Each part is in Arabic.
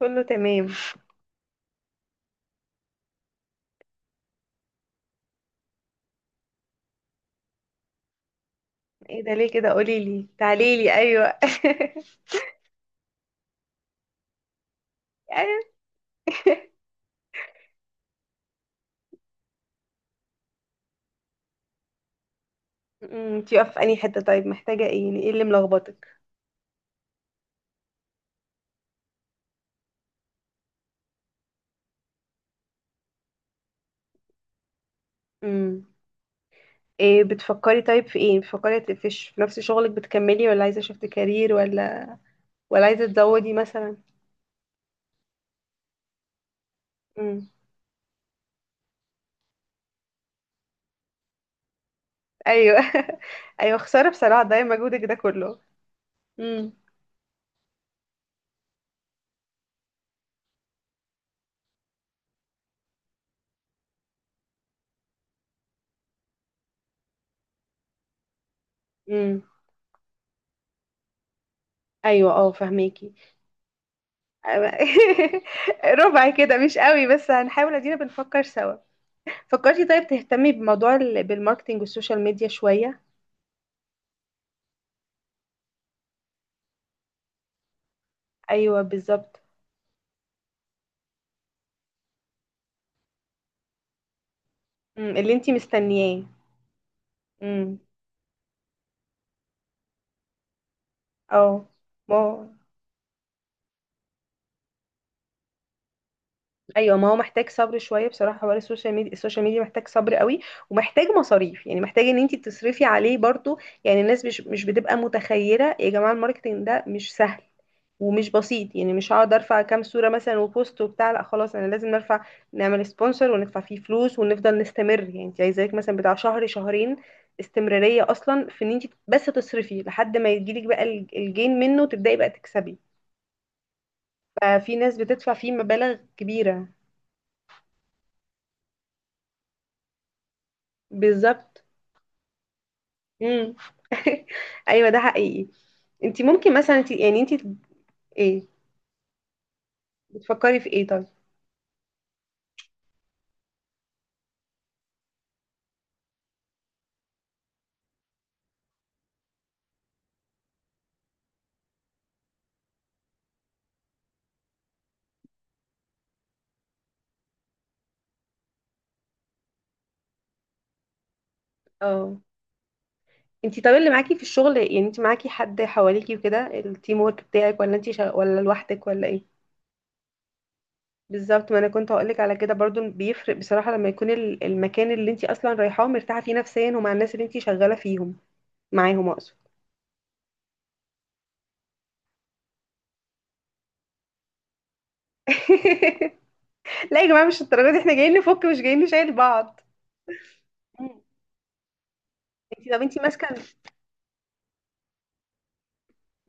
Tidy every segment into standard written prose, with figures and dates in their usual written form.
كله تمام. ايه ده؟ ليه كده قولي لي، تعالي لي. ايوه. ايوه. انتي واقفه في انهي حته؟ طيب محتاجه ايه؟ يعني ايه اللي ملخبطك؟ امم. ايه بتفكري؟ طيب في ايه بتفكري؟ في ش- في نفس شغلك بتكملي ولا عايزه شفت كارير؟ ولا عايزه تزودي مثلا؟ امم. ايوه. ايوه، خساره بصراحه، ضايع مجهودك ده كله. امم. امم. ايوه، اه فهميكي. ربع كده مش قوي، بس هنحاول، ادينا بنفكر سوا. فكرتي طيب تهتمي بموضوع ال- بالماركتينج والسوشيال ميديا شوية؟ ايوه بالظبط. مم، اللي انتي مستنياه. امم. اه. ما ايوه، ما هو محتاج صبر شويه بصراحه، حوار السوشيال ميديا، السوشيال ميديا محتاج صبر قوي، ومحتاج مصاريف. يعني محتاج ان انت تصرفي عليه برضو. يعني الناس مش بتبقى متخيله يا جماعه الماركتينج ده مش سهل ومش بسيط. يعني مش هقعد ارفع كام صوره مثلا وبوست وبتاع، لا خلاص انا لازم نرفع، نعمل سبونسر وندفع فيه فلوس ونفضل نستمر. يعني انت عايزاك مثلا بتاع شهر شهرين، استمراريه اصلا في ان انت بس تصرفي لحد ما يجيلك بقى الج- الجين منه وتبداي بقى تكسبي. ففي ناس بتدفع فيه مبالغ كبيره. بالظبط. امم. ايوه ده حقيقي. انت ممكن مثلا انت يعني انت، ايه بتفكري في ايه طيب؟ اه. انت طب اللي معاكي في الشغل، يعني انت معاكي حد حواليكي وكده، التيم ورك بتاعك؟ ولا انت شا... ولا لوحدك ولا ايه؟ بالظبط، ما انا كنت هقولك على كده برضو، بيفرق بصراحة لما يكون ال- المكان اللي انت اصلا رايحاه مرتاحة فيه نفسيا، ومع الناس اللي انت شغالة فيهم، معاهم اقصد. لا يا جماعة مش الدرجة دي، احنا جايين نفك مش جايين نشيل بعض. مم. انت طب انت ماسكة.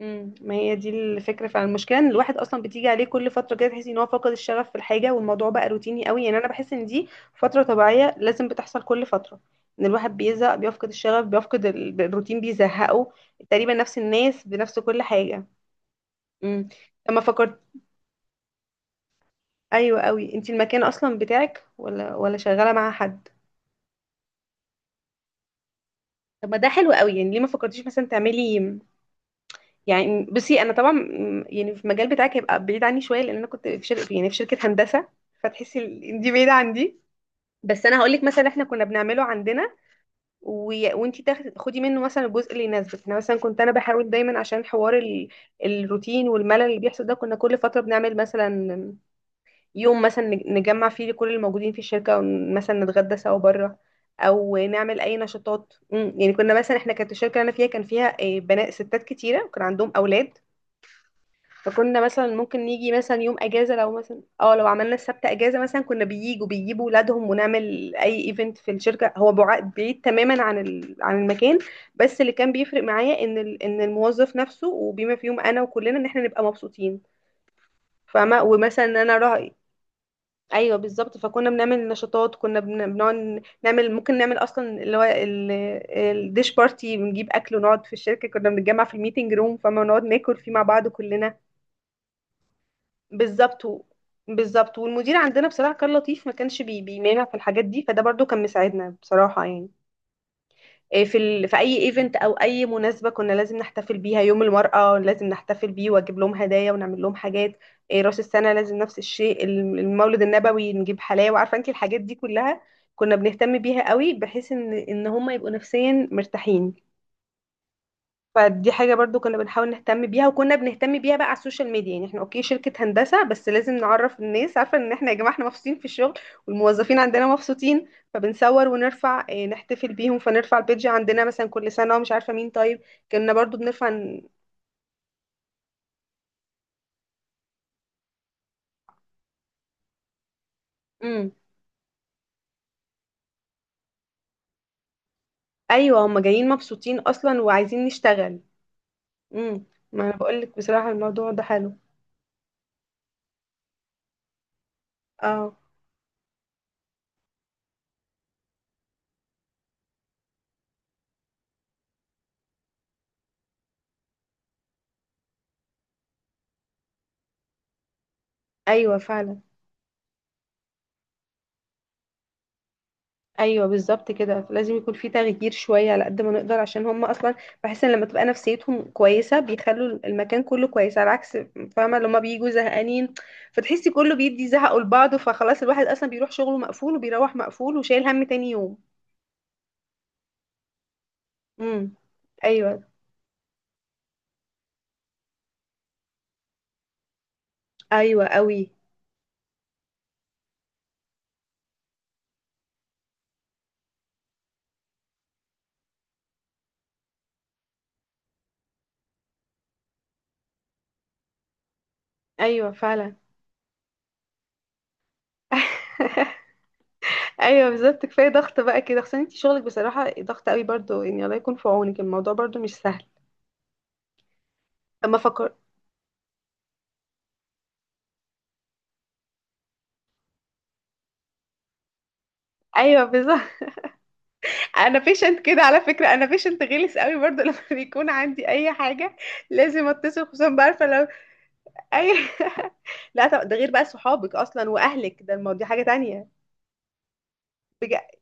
امم، ما هي دي الفكره فعلا. المشكله ان الواحد اصلا بتيجي عليه كل فتره كده تحس ان هو فقد الشغف في الحاجه، والموضوع بقى روتيني قوي. يعني انا بحس ان دي فتره طبيعيه لازم بتحصل كل فتره، ان الواحد بيزهق، بيفقد الشغف، بيفقد ال- الروتين بيزهقه، تقريبا نفس الناس بنفس كل حاجه. امم. لما فكرت، ايوه قوي، انت المكان اصلا بتاعك ولا شغاله مع حد؟ طب ما ده حلو قوي، يعني ليه ما فكرتيش مثلا تعملي؟ يعني بصي انا طبعا م- يعني في المجال بتاعك هيبقى بعيد عني شويه، لان انا كنت في شركه، يعني في شركه هندسه. فتحسي ال- إن دي بعيده عن دي. بس انا هقول لك مثلا احنا كنا بنعمله عندنا، وي... وانتي تاخدي، خدي منه مثلا الجزء اللي يناسبك. انا مثلا كنت انا بحاول دايما عشان حوار ال... الروتين والملل اللي بيحصل ده، كنا كل فتره بنعمل مثلا يوم مثلا نج- نجمع فيه كل الموجودين في الشركه ومثلا نتغدى سوا بره، او نعمل اي نشاطات. مم. يعني كنا مثلا احنا، كانت الشركه اللي انا فيها كان فيها آه، بنات ستات كتيره، وكان عندهم اولاد. فكنا مثلا ممكن نيجي مثلا يوم اجازه لو مثلا اه لو عملنا السبت اجازه مثلا، كنا بييجوا بيجيبوا ولادهم، ونعمل اي ايفنت في الشركه هو بع- بعيد تماما عن ال... عن المكان. بس اللي كان بيفرق معايا ان ال... ان الموظف نفسه، وبما فيهم انا وكلنا، ان احنا نبقى مبسوطين. فما ومثلا ان انا راي. ايوه بالظبط. فكنا بنعمل نشاطات، كنا بن- بنقعد نعمل، ممكن نعمل اصلا اللي هو ال- الديش بارتي، بنجيب اكل ونقعد في الشركه، كنا بنتجمع في الميتنج روم فما نقعد ناكل فيه مع بعض كلنا. بالظبط و-. بالظبط. والمدير عندنا بصراحة كان لطيف، ما كانش بي بيمانع في الحاجات دي، فده برضو كان مساعدنا بصراحة يعني. إيه في ال... في اي ايفنت او اي مناسبة كنا لازم نحتفل بيها، يوم المرأة لازم نحتفل بيه واجيب لهم هدايا ونعمل لهم حاجات. إيه راس السنة لازم نفس الشيء، الم- المولد النبوي نجيب حلاوة، عارفة انت الحاجات دي كلها. كنا بنهتم بيها قوي بحيث ان ان هم يبقوا نفسيا مرتاحين. فدي حاجة برضو كنا بنحاول نهتم بيها، وكنا بنهتم بيها بقى على السوشيال ميديا. يعني احنا اوكي شركة هندسة، بس لازم نعرف الناس، عارفة ان احنا يا جماعة احنا مبسوطين في الشغل، والموظفين عندنا مبسوطين. فبنصور ونرفع اه، نحتفل بيهم، فنرفع البيج عندنا مثلا كل سنة ومش عارفة مين طيب، كنا برضو بنرفع ن-. امم. ايوه، هم جايين مبسوطين اصلا وعايزين نشتغل. امم. ما انا بقول لك بصراحة الموضوع ده حلو. اه. ايوه فعلا. ايوه بالظبط كده، لازم يكون في تغيير شويه على قد ما نقدر عشان هم اصلا، بحس ان لما تبقى نفسيتهم كويسه بيخلوا المكان كله كويس، على عكس، فاهمه لما بيجوا زهقانين فتحسي كله بيدي زهقه لبعضه، فخلاص الواحد اصلا بيروح شغله مقفول، وبيروح مقفول وشايل هم تاني يوم. امم. ايوه. ايوه قوي. ايوه فعلا. ايوه بالظبط كفايه ضغط بقى كده، خصوصا انت شغلك بصراحه ضغط قوي برضو، يعني الله يكون في عونك، الموضوع برضو مش سهل. اما فكر. ايوه بالظبط. انا بيشنت كده على فكره، انا بيشنت غلس قوي برضو لما بيكون عندي اي حاجه لازم اتصل، خصوصا بعرفه لو، اي. لا طب ده غير بقى صحابك اصلا واهلك، ده الموضوع حاجه تانية. بجد.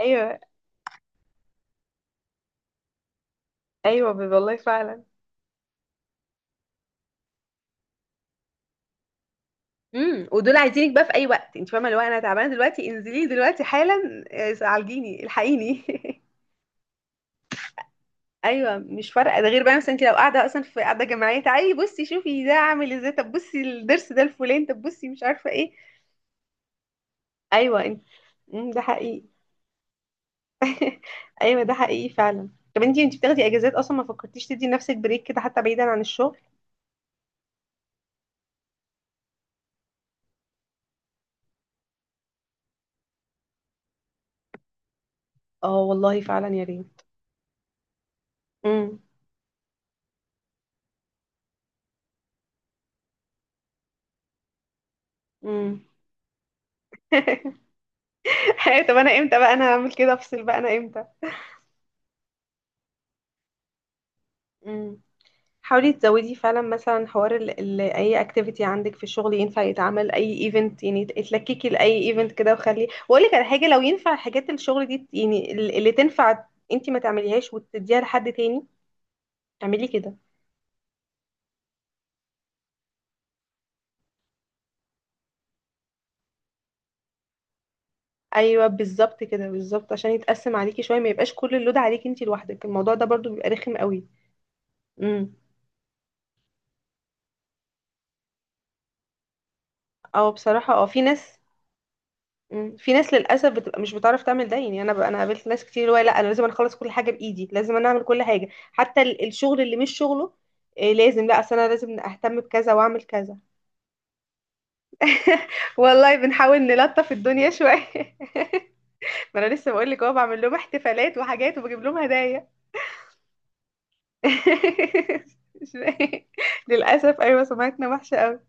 ايوه. ايوه، ب- والله فعلا. امم. ودول عايزينك بقى في اي وقت، انت فاهمه لو انا تعبانه دلوقتي انزلي دلوقتي حالا آه، عالجيني الحقيني. ايوه مش فارقه، ده غير بقى مثلا انت لو قاعده اصلا في قاعده جماعيه، تعالي بصي شوفي ده عامل ازاي، طب بصي الضرس ده الفلان، طب بصي مش عارفه ايه. ايوه انت. مم، ده حقيقي. ايوه ده حقيقي فعلا. طب انتي انتي بتاخدي اجازات اصلا؟ ما فكرتيش تدي لنفسك بريك كده حتى بعيدا عن الشغل؟ اه والله فعلا يا ريت. امم. امم. طب انا امتى بقى انا هعمل كده افصل بقى انا امتى؟ امم. حاولي تزودي فعلا مثلا حوار ال اي اكتيفيتي عندك في الشغل، ينفع يتعمل اي ايفنت، يعني اتلككي لاي ايفنت كده. وخلي، واقول لك على حاجه، لو ينفع حاجات الشغل دي يعني ال- اللي تنفع، انتي ما تعمليهاش وتديها لحد تاني، اعملي كده. ايوه بالظبط كده، بالظبط عشان يتقسم عليكي شويه، ما يبقاش كل اللود عليكي انت لوحدك، الموضوع ده برضو بيبقى رخم قوي. امم. اه بصراحه، اه في ناس. مم. في ناس للاسف بتبقى مش بتعرف تعمل ده. يعني انا ب... انا قابلت ناس كتير اللي هو لا انا لازم اخلص كل حاجه بايدي، لازم انا اعمل كل حاجه حتى ال- الشغل اللي مش شغله. إيه لازم، لا اصل انا لازم اهتم بكذا واعمل كذا. والله بنحاول نلطف الدنيا شويه. ما انا لسه بقول لك اهو، بعمل لهم احتفالات وحاجات وبجيب لهم هدايا. مش-. للاسف ايوه سمعتنا وحشه.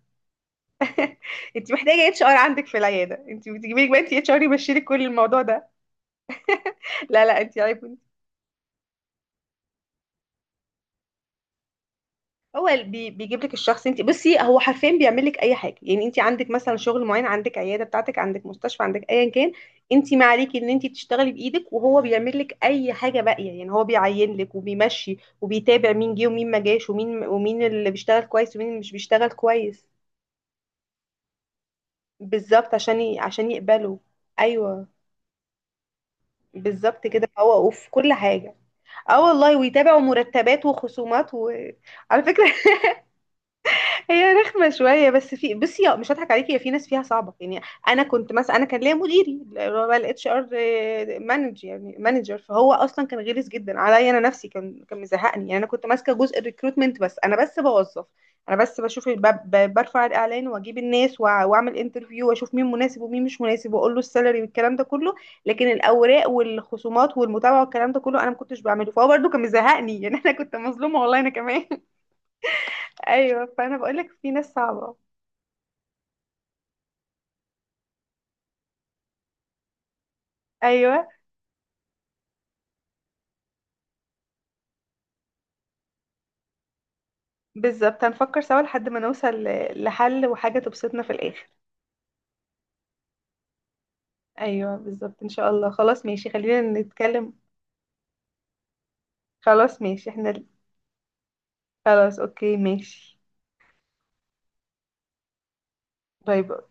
انت محتاجه اتش ار عندك في العياده، انت بتجيبي لك بقى انت اتش ار يمشي لك كل الموضوع ده. لا انت عيب انت. هو ال- بي- بيجيب لك الشخص، انت بصي هو حرفيا بيعمل لك اي حاجه. يعني انت عندك مثلا شغل معين، عندك عياده بتاعتك، عندك مستشفى، عندك ايا كان، انت ما عليكي ان انت تشتغلي بايدك، وهو بيعمل لك اي حاجه باقيه. يعني هو بيعين لك وبيمشي وبيتابع مين جه ومين ما جاش ومين، ومين اللي بيشتغل كويس ومين اللي مش بيشتغل كويس. بالظبط عشان ي- عشان يقبله. ايوه بالظبط كده، هو وفي كل حاجه. اه والله ويتابعوا مرتبات وخصومات، وعلى فكرة. هي رخمة شوية بس، في بصي آه، مش هضحك عليكي، هي في ناس فيها صعبة يعني. أنا كنت مثلا، أنا كان ليا مديري اللي هو الاتش ار مانجر، يعني مانجر، فهو أصلا كان غلس جدا عليا، أنا نفسي كان مزهقني يعني. أنا كنت ماسكة جزء الريكروتمنت بس، أنا بس بوظف، أنا بس بشوف برفع الإعلان وأجيب الناس وأعمل انترفيو وأشوف مين مناسب ومين مش مناسب وأقول له السالري والكلام ده كله. لكن الأوراق والخصومات والمتابعة والكلام ده كله أنا ما كنتش بعمله، فهو برده كان مزهقني يعني. أنا كنت مظلومة والله أنا كمان. أيوه فأنا بقول لك في ناس صعبة. ايوه بالظبط هنفكر سوا لحد ما نوصل ل- لحل وحاجة تبسطنا في الاخر. ايوه بالظبط ان شاء الله، خلاص ماشي، خلينا نتكلم. خلاص ماشي احنا. خلاص اوكي ماشي. باي باي.